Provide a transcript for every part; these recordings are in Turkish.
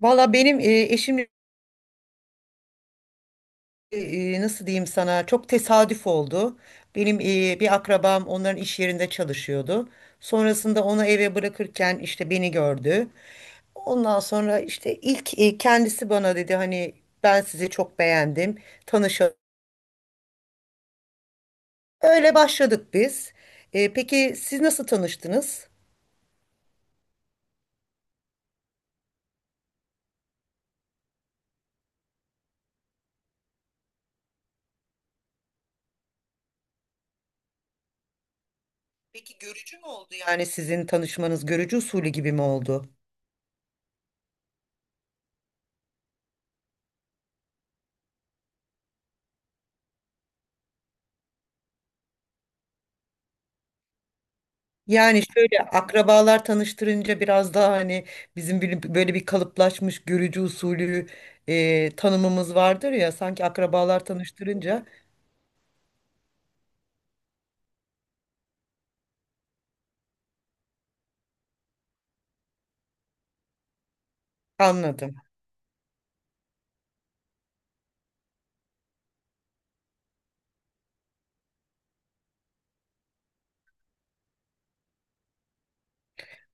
Valla benim eşim nasıl diyeyim sana çok tesadüf oldu. Benim bir akrabam onların iş yerinde çalışıyordu. Sonrasında onu eve bırakırken işte beni gördü. Ondan sonra işte ilk kendisi bana dedi hani ben sizi çok beğendim. Tanışalım. Öyle başladık biz. Peki siz nasıl tanıştınız? Peki görücü mü oldu, yani sizin tanışmanız görücü usulü gibi mi oldu? Yani şöyle akrabalar tanıştırınca biraz daha hani bizim böyle bir kalıplaşmış görücü usulü tanımımız vardır ya, sanki akrabalar tanıştırınca anladım.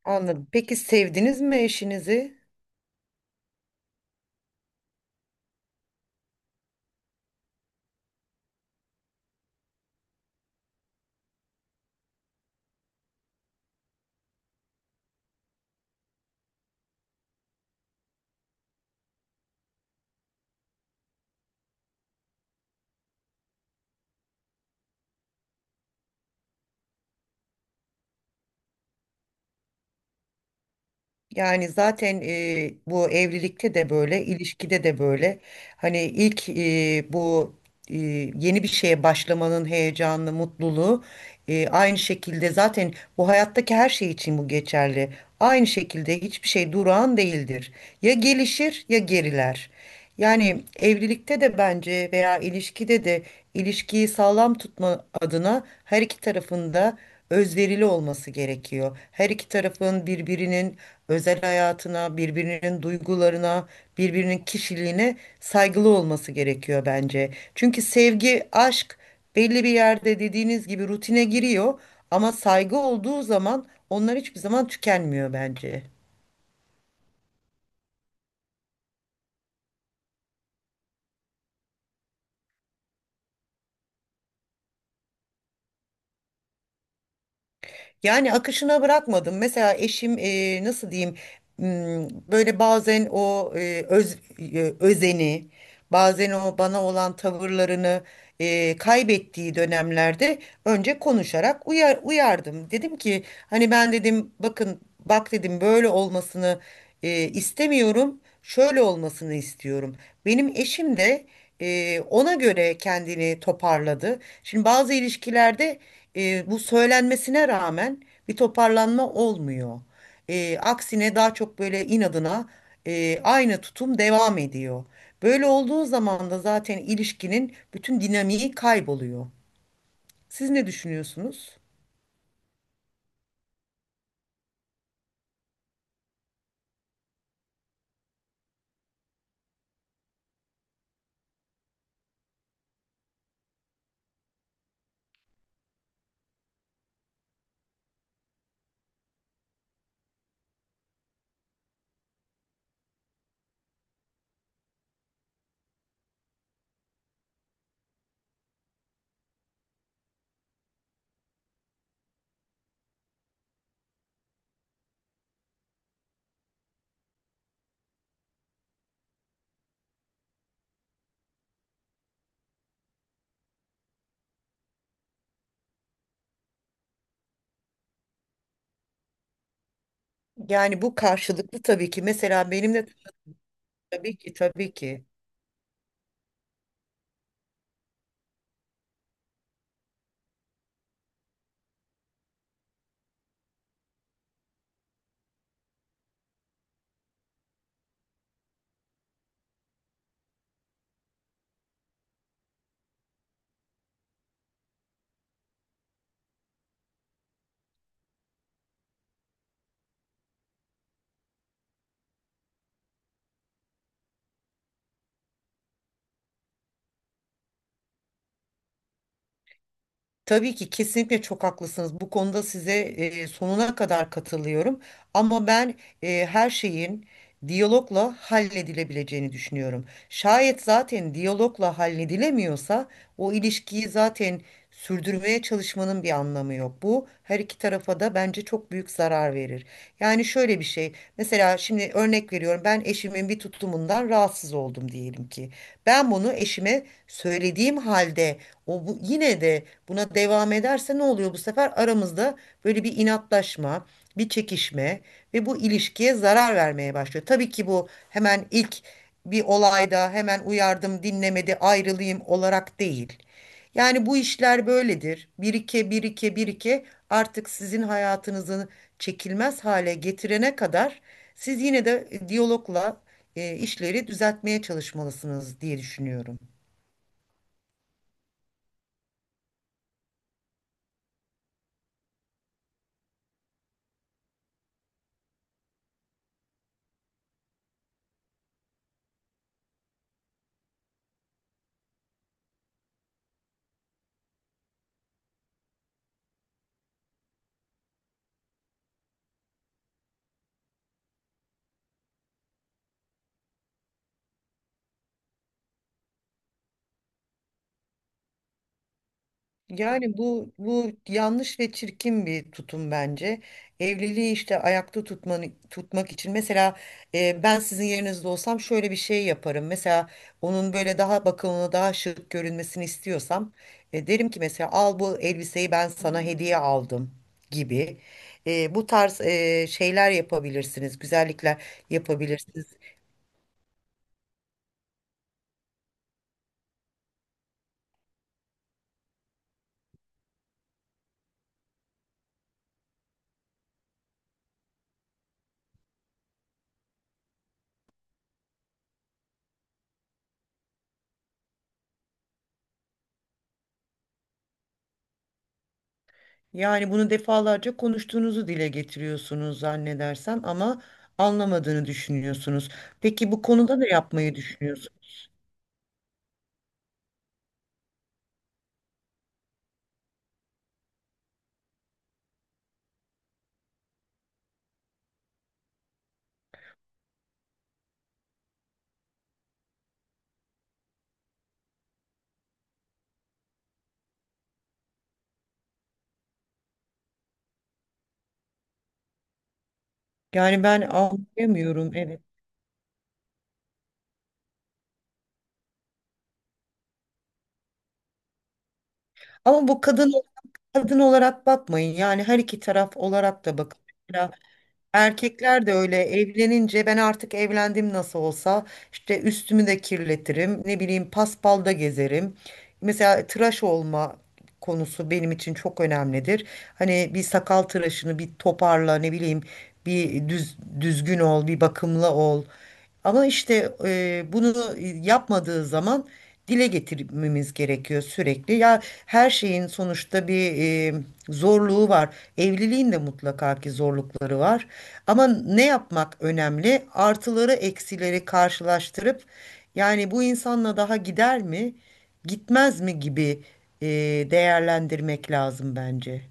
Anladım. Peki sevdiniz mi eşinizi? Yani zaten bu evlilikte de böyle, ilişkide de böyle. Hani ilk bu e, yeni bir şeye başlamanın heyecanı, mutluluğu, aynı şekilde zaten bu hayattaki her şey için bu geçerli. Aynı şekilde hiçbir şey durağan değildir. Ya gelişir ya geriler. Yani evlilikte de bence veya ilişkide de ilişkiyi sağlam tutma adına her iki tarafında özverili olması gerekiyor. Her iki tarafın birbirinin özel hayatına, birbirinin duygularına, birbirinin kişiliğine saygılı olması gerekiyor bence. Çünkü sevgi, aşk belli bir yerde dediğiniz gibi rutine giriyor, ama saygı olduğu zaman onlar hiçbir zaman tükenmiyor bence. Yani akışına bırakmadım. Mesela eşim, nasıl diyeyim, böyle bazen o özeni, bazen o bana olan tavırlarını kaybettiği dönemlerde önce konuşarak uyardım. Dedim ki hani, ben dedim bakın, bak dedim, böyle olmasını istemiyorum, şöyle olmasını istiyorum. Benim eşim de ona göre kendini toparladı. Şimdi bazı ilişkilerde bu söylenmesine rağmen bir toparlanma olmuyor. Aksine daha çok böyle inadına aynı tutum devam ediyor. Böyle olduğu zaman da zaten ilişkinin bütün dinamiği kayboluyor. Siz ne düşünüyorsunuz? Yani bu karşılıklı tabii ki. Mesela benim de tabii ki, tabii ki. Tabii ki, kesinlikle çok haklısınız. Bu konuda size sonuna kadar katılıyorum. Ama ben her şeyin diyalogla halledilebileceğini düşünüyorum. Şayet zaten diyalogla halledilemiyorsa, o ilişkiyi zaten sürdürmeye çalışmanın bir anlamı yok. Bu her iki tarafa da bence çok büyük zarar verir. Yani şöyle bir şey. Mesela şimdi örnek veriyorum. Ben eşimin bir tutumundan rahatsız oldum diyelim ki. Ben bunu eşime söylediğim halde o yine de buna devam ederse ne oluyor bu sefer? Aramızda böyle bir inatlaşma, bir çekişme ve bu ilişkiye zarar vermeye başlıyor. Tabii ki bu hemen ilk bir olayda hemen uyardım, dinlemedi, ayrılayım olarak değil. Yani bu işler böyledir. Birike birike birike artık sizin hayatınızı çekilmez hale getirene kadar siz yine de diyalogla işleri düzeltmeye çalışmalısınız diye düşünüyorum. Yani bu yanlış ve çirkin bir tutum bence. Evliliği işte tutmak için mesela ben sizin yerinizde olsam şöyle bir şey yaparım. Mesela onun böyle daha bakımlı, daha şık görünmesini istiyorsam derim ki mesela, al bu elbiseyi ben sana hediye aldım gibi. Bu tarz şeyler yapabilirsiniz, güzellikler yapabilirsiniz. Yani bunu defalarca konuştuğunuzu dile getiriyorsunuz zannedersem, ama anlamadığını düşünüyorsunuz. Peki bu konuda ne yapmayı düşünüyorsunuz? Yani ben anlayamıyorum, evet. Ama bu kadın olarak bakmayın. Yani her iki taraf olarak da bakın. Mesela erkekler de öyle evlenince, ben artık evlendim nasıl olsa, işte üstümü de kirletirim, ne bileyim paspalda gezerim. Mesela tıraş olma konusu benim için çok önemlidir. Hani bir sakal tıraşını bir toparla, ne bileyim bir düzgün ol, bir bakımlı ol. Ama işte bunu yapmadığı zaman dile getirmemiz gerekiyor sürekli. Ya her şeyin sonuçta bir e, zorluğu var. Evliliğin de mutlaka ki zorlukları var. Ama ne yapmak önemli? Artıları eksileri karşılaştırıp yani bu insanla daha gider mi, gitmez mi gibi e, değerlendirmek lazım bence.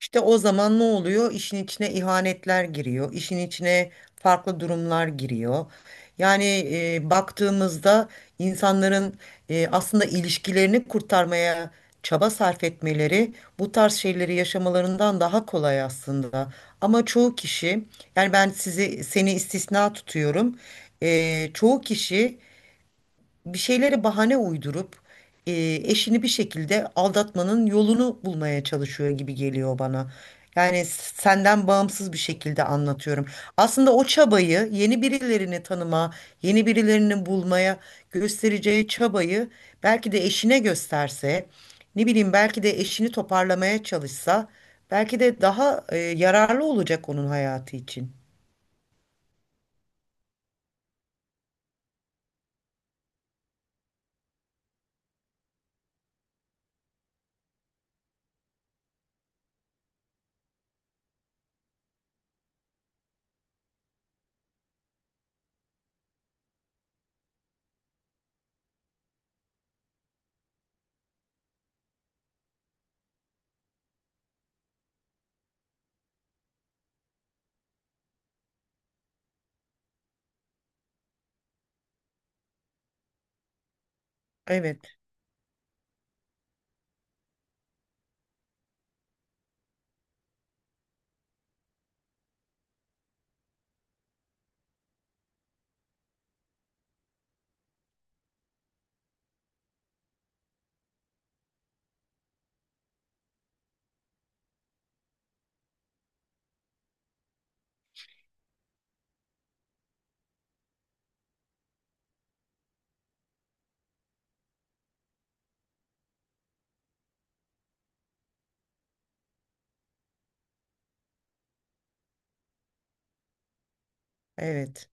İşte o zaman ne oluyor? İşin içine ihanetler giriyor, işin içine farklı durumlar giriyor. Yani baktığımızda insanların aslında ilişkilerini kurtarmaya çaba sarf etmeleri bu tarz şeyleri yaşamalarından daha kolay aslında. Ama çoğu kişi, yani ben seni istisna tutuyorum. Çoğu kişi bir şeylere bahane uydurup e, eşini bir şekilde aldatmanın yolunu bulmaya çalışıyor gibi geliyor bana. Yani senden bağımsız bir şekilde anlatıyorum. Aslında o çabayı yeni birilerini tanıma, yeni birilerini bulmaya göstereceği çabayı belki de eşine gösterse, ne bileyim belki de eşini toparlamaya çalışsa, belki de daha yararlı olacak onun hayatı için. Evet, evet,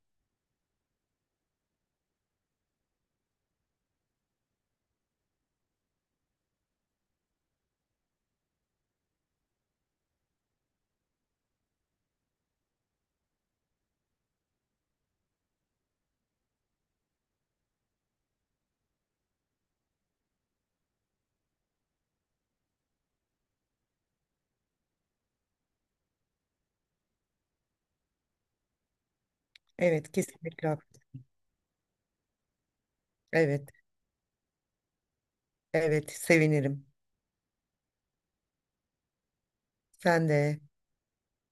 evet kesinlikle. Haklı. Evet, evet sevinirim. Sen de.